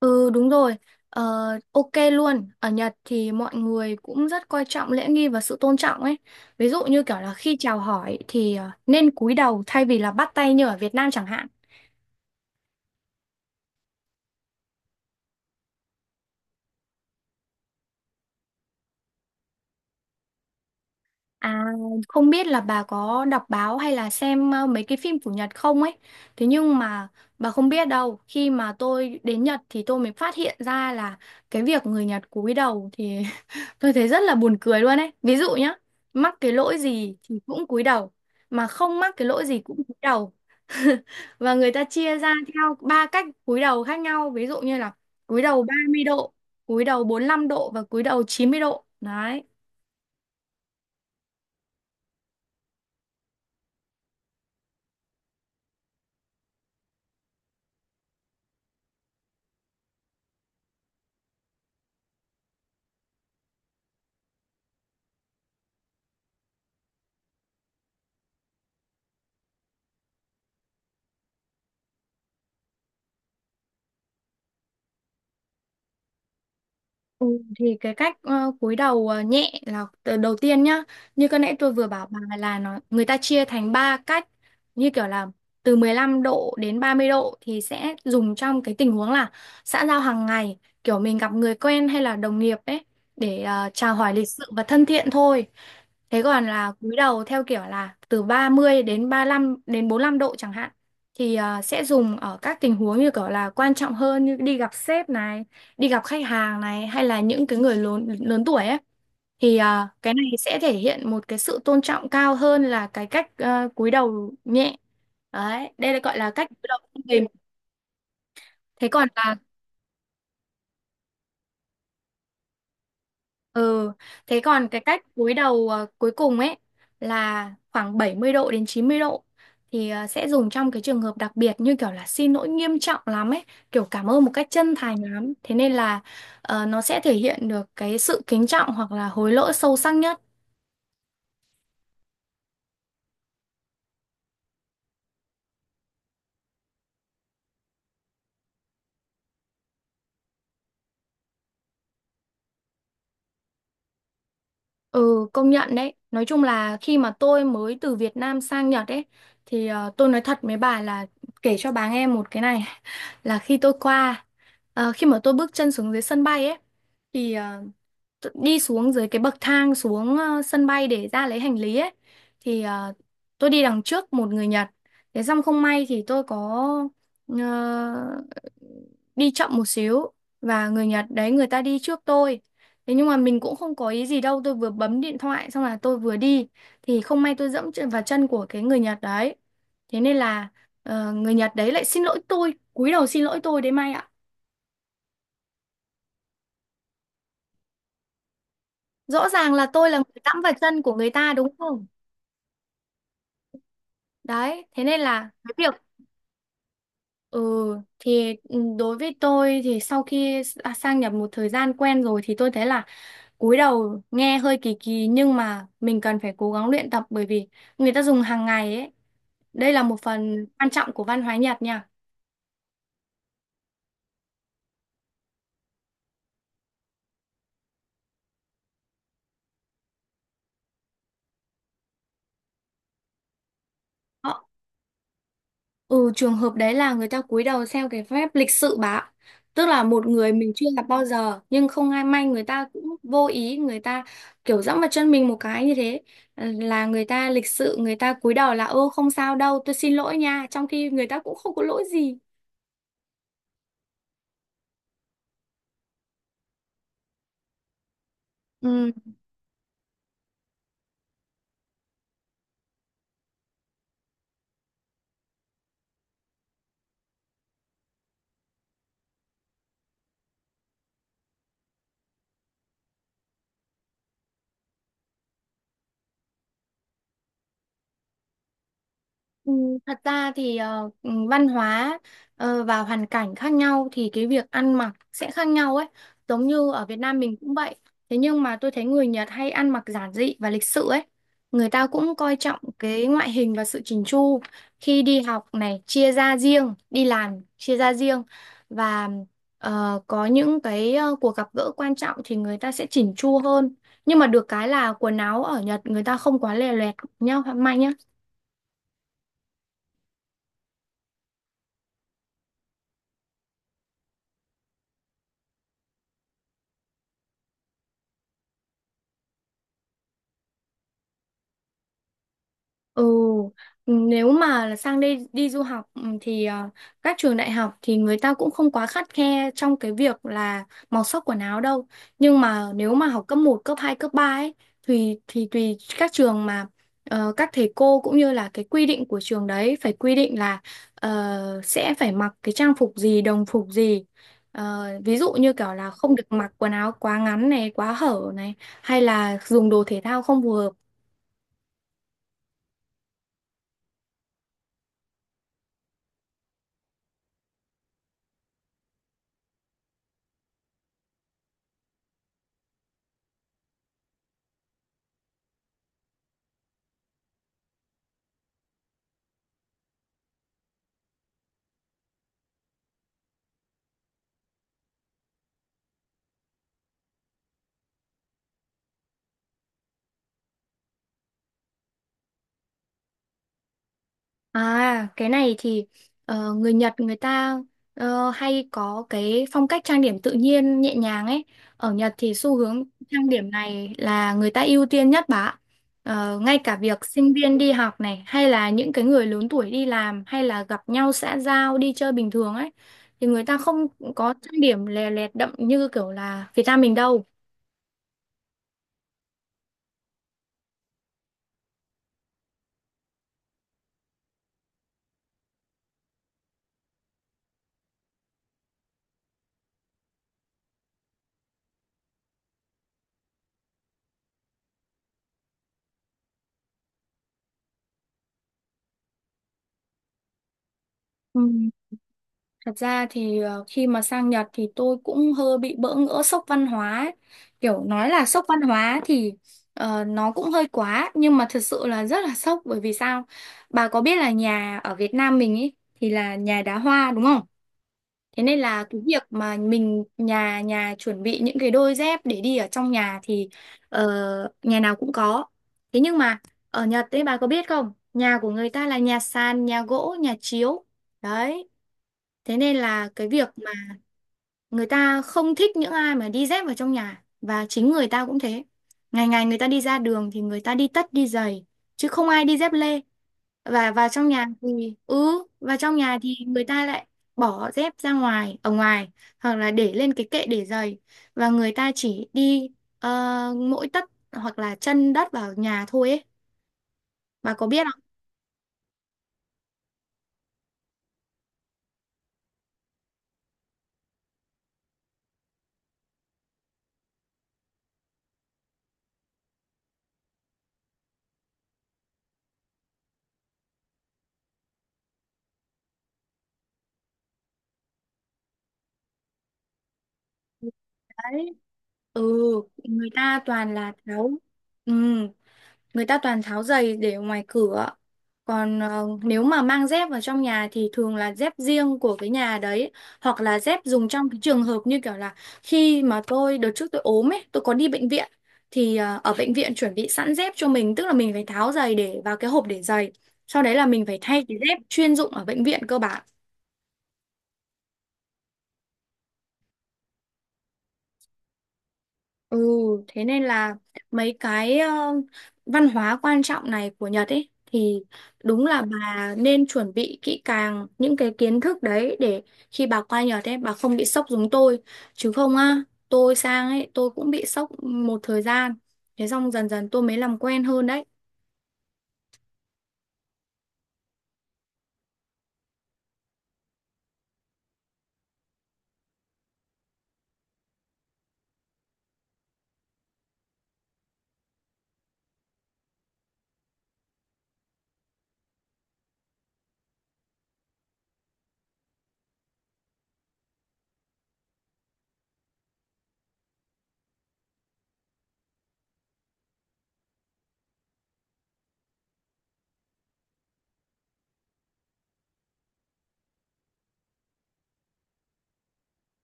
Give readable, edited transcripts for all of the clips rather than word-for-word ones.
Ừ đúng rồi, ờ, ok luôn. Ở Nhật thì mọi người cũng rất coi trọng lễ nghi và sự tôn trọng ấy. Ví dụ như kiểu là khi chào hỏi thì nên cúi đầu thay vì là bắt tay như ở Việt Nam chẳng hạn. À, không biết là bà có đọc báo hay là xem mấy cái phim của Nhật không ấy. Thế nhưng mà bà không biết đâu, khi mà tôi đến Nhật thì tôi mới phát hiện ra là cái việc người Nhật cúi đầu thì tôi thấy rất là buồn cười luôn ấy. Ví dụ nhá, mắc cái lỗi gì thì cũng cúi đầu, mà không mắc cái lỗi gì cũng cúi đầu. Và người ta chia ra theo ba cách cúi đầu khác nhau, ví dụ như là cúi đầu 30 độ, cúi đầu 45 độ và cúi đầu 90 độ. Đấy. Ừ, thì cái cách cúi đầu nhẹ là từ đầu tiên nhá, như cái nãy tôi vừa bảo bà là nó người ta chia thành ba cách, như kiểu là từ 15 độ đến 30 độ thì sẽ dùng trong cái tình huống là xã giao hàng ngày, kiểu mình gặp người quen hay là đồng nghiệp ấy, để chào hỏi lịch sự và thân thiện thôi. Thế còn là cúi đầu theo kiểu là từ 30 đến 35 đến 45 độ chẳng hạn thì sẽ dùng ở các tình huống như kiểu là quan trọng hơn, như đi gặp sếp này, đi gặp khách hàng này, hay là những cái người lớn lớn tuổi ấy, thì cái này sẽ thể hiện một cái sự tôn trọng cao hơn là cái cách cúi đầu nhẹ. Đấy, đây là gọi là cách cúi đầu trung bình. Thế còn là ừ thế còn cái cách cúi đầu cuối cùng ấy là khoảng 70 độ đến 90 độ thì sẽ dùng trong cái trường hợp đặc biệt như kiểu là xin lỗi nghiêm trọng lắm ấy, kiểu cảm ơn một cách chân thành lắm. Thế nên là nó sẽ thể hiện được cái sự kính trọng hoặc là hối lỗi sâu sắc nhất. Ừ, công nhận đấy. Nói chung là khi mà tôi mới từ Việt Nam sang Nhật ấy, thì tôi nói thật với bà là kể cho bà nghe một cái này. Là khi tôi qua, khi mà tôi bước chân xuống dưới sân bay ấy, thì đi xuống dưới cái bậc thang xuống sân bay để ra lấy hành lý ấy, thì tôi đi đằng trước một người Nhật. Thế xong không may thì tôi có ờ, đi chậm một xíu, và người Nhật đấy người ta đi trước tôi. Thế nhưng mà mình cũng không có ý gì đâu, tôi vừa bấm điện thoại xong là tôi vừa đi, thì không may tôi vào chân của cái người Nhật đấy. Thế nên là người Nhật đấy lại xin lỗi tôi, cúi đầu xin lỗi tôi đấy Mai ạ, rõ ràng là tôi là người dẫm vào chân của người ta đúng không? Đấy, thế nên là cái việc ừ đối với tôi thì sau khi sang nhập một thời gian quen rồi thì tôi thấy là cúi đầu nghe hơi kỳ kỳ, nhưng mà mình cần phải cố gắng luyện tập bởi vì người ta dùng hàng ngày ấy. Đây là một phần quan trọng của văn hóa Nhật nha. Ừ, trường hợp đấy là người ta cúi đầu xem cái phép lịch sự bà ạ. Tức là một người mình chưa gặp bao giờ nhưng không ai may người ta cũng vô ý, người ta kiểu dẫm vào chân mình một cái như thế. Là người ta lịch sự, người ta cúi đầu là ô không sao đâu tôi xin lỗi nha, trong khi người ta cũng không có lỗi gì. Ừ, ừ, thật ra thì ừ, văn hóa và hoàn cảnh khác nhau thì cái việc ăn mặc sẽ khác nhau ấy. Giống như ở Việt Nam mình cũng vậy. Thế nhưng mà tôi thấy người Nhật hay ăn mặc giản dị và lịch sự ấy. Người ta cũng coi trọng cái ngoại hình và sự chỉnh chu. Khi đi học này chia ra riêng, đi làm chia ra riêng, và có những cái cuộc gặp gỡ quan trọng thì người ta sẽ chỉnh chu hơn. Nhưng mà được cái là quần áo ở Nhật người ta không quá lè loẹt nhá, manh nhá. Ừ, ừ, nếu mà là sang đây đi du học, ừ, thì các trường đại học thì người ta cũng không quá khắt khe trong cái việc là màu sắc quần áo đâu. Nhưng mà nếu mà học cấp một cấp 2 cấp 3 ấy thì tùy các trường mà các thầy cô cũng như là cái quy định của trường đấy phải quy định là sẽ phải mặc cái trang phục gì, đồng phục gì. Ví dụ như kiểu là không được mặc quần áo quá ngắn này, quá hở này, hay là dùng đồ thể thao không phù hợp. À, cái này thì người Nhật người ta hay có cái phong cách trang điểm tự nhiên nhẹ nhàng ấy. Ở Nhật thì xu hướng trang điểm này là người ta ưu tiên nhất, bà ạ. Ngay cả việc sinh viên đi học này hay là những cái người lớn tuổi đi làm hay là gặp nhau xã giao đi chơi bình thường ấy thì người ta không có trang điểm lè lẹt đậm như kiểu là Việt Nam mình đâu. Thật ra thì khi mà sang Nhật thì tôi cũng hơi bị bỡ ngỡ, sốc văn hóa ấy. Kiểu nói là sốc văn hóa thì nó cũng hơi quá, nhưng mà thật sự là rất là sốc, bởi vì sao? Bà có biết là nhà ở Việt Nam mình ấy thì là nhà đá hoa đúng không? Thế nên là cái việc mà mình nhà nhà chuẩn bị những cái đôi dép để đi ở trong nhà thì ờ, nhà nào cũng có. Thế nhưng mà ở Nhật ấy bà có biết không? Nhà của người ta là nhà sàn, nhà gỗ, nhà chiếu. Đấy. Thế nên là cái việc mà người ta không thích những ai mà đi dép vào trong nhà, và chính người ta cũng thế. Ngày ngày người ta đi ra đường thì người ta đi tất đi giày chứ không ai đi dép lê. Và vào trong nhà thì ừ, Vào trong nhà thì người ta lại bỏ dép ra ngoài, ở ngoài hoặc là để lên cái kệ để giày, và người ta chỉ đi ờ, mỗi tất hoặc là chân đất vào nhà thôi ấy. Bà có biết không? Đấy. Ừ, người ta toàn là tháo. Ừ. Người ta toàn tháo giày để ở ngoài cửa. Còn nếu mà mang dép vào trong nhà thì thường là dép riêng của cái nhà đấy, hoặc là dép dùng trong cái trường hợp như kiểu là khi mà tôi đợt trước tôi ốm ấy tôi có đi bệnh viện thì ở bệnh viện chuẩn bị sẵn dép cho mình, tức là mình phải tháo giày để vào cái hộp để giày, sau đấy là mình phải thay cái dép chuyên dụng ở bệnh viện cơ bản. Ừ, thế nên là mấy cái văn hóa quan trọng này của Nhật ấy thì đúng là bà nên chuẩn bị kỹ càng những cái kiến thức đấy để khi bà qua Nhật ấy bà không bị sốc giống tôi. Chứ không á, tôi sang ấy tôi cũng bị sốc một thời gian, thế xong dần dần tôi mới làm quen hơn đấy.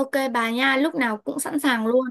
Ok bà nha, lúc nào cũng sẵn sàng luôn.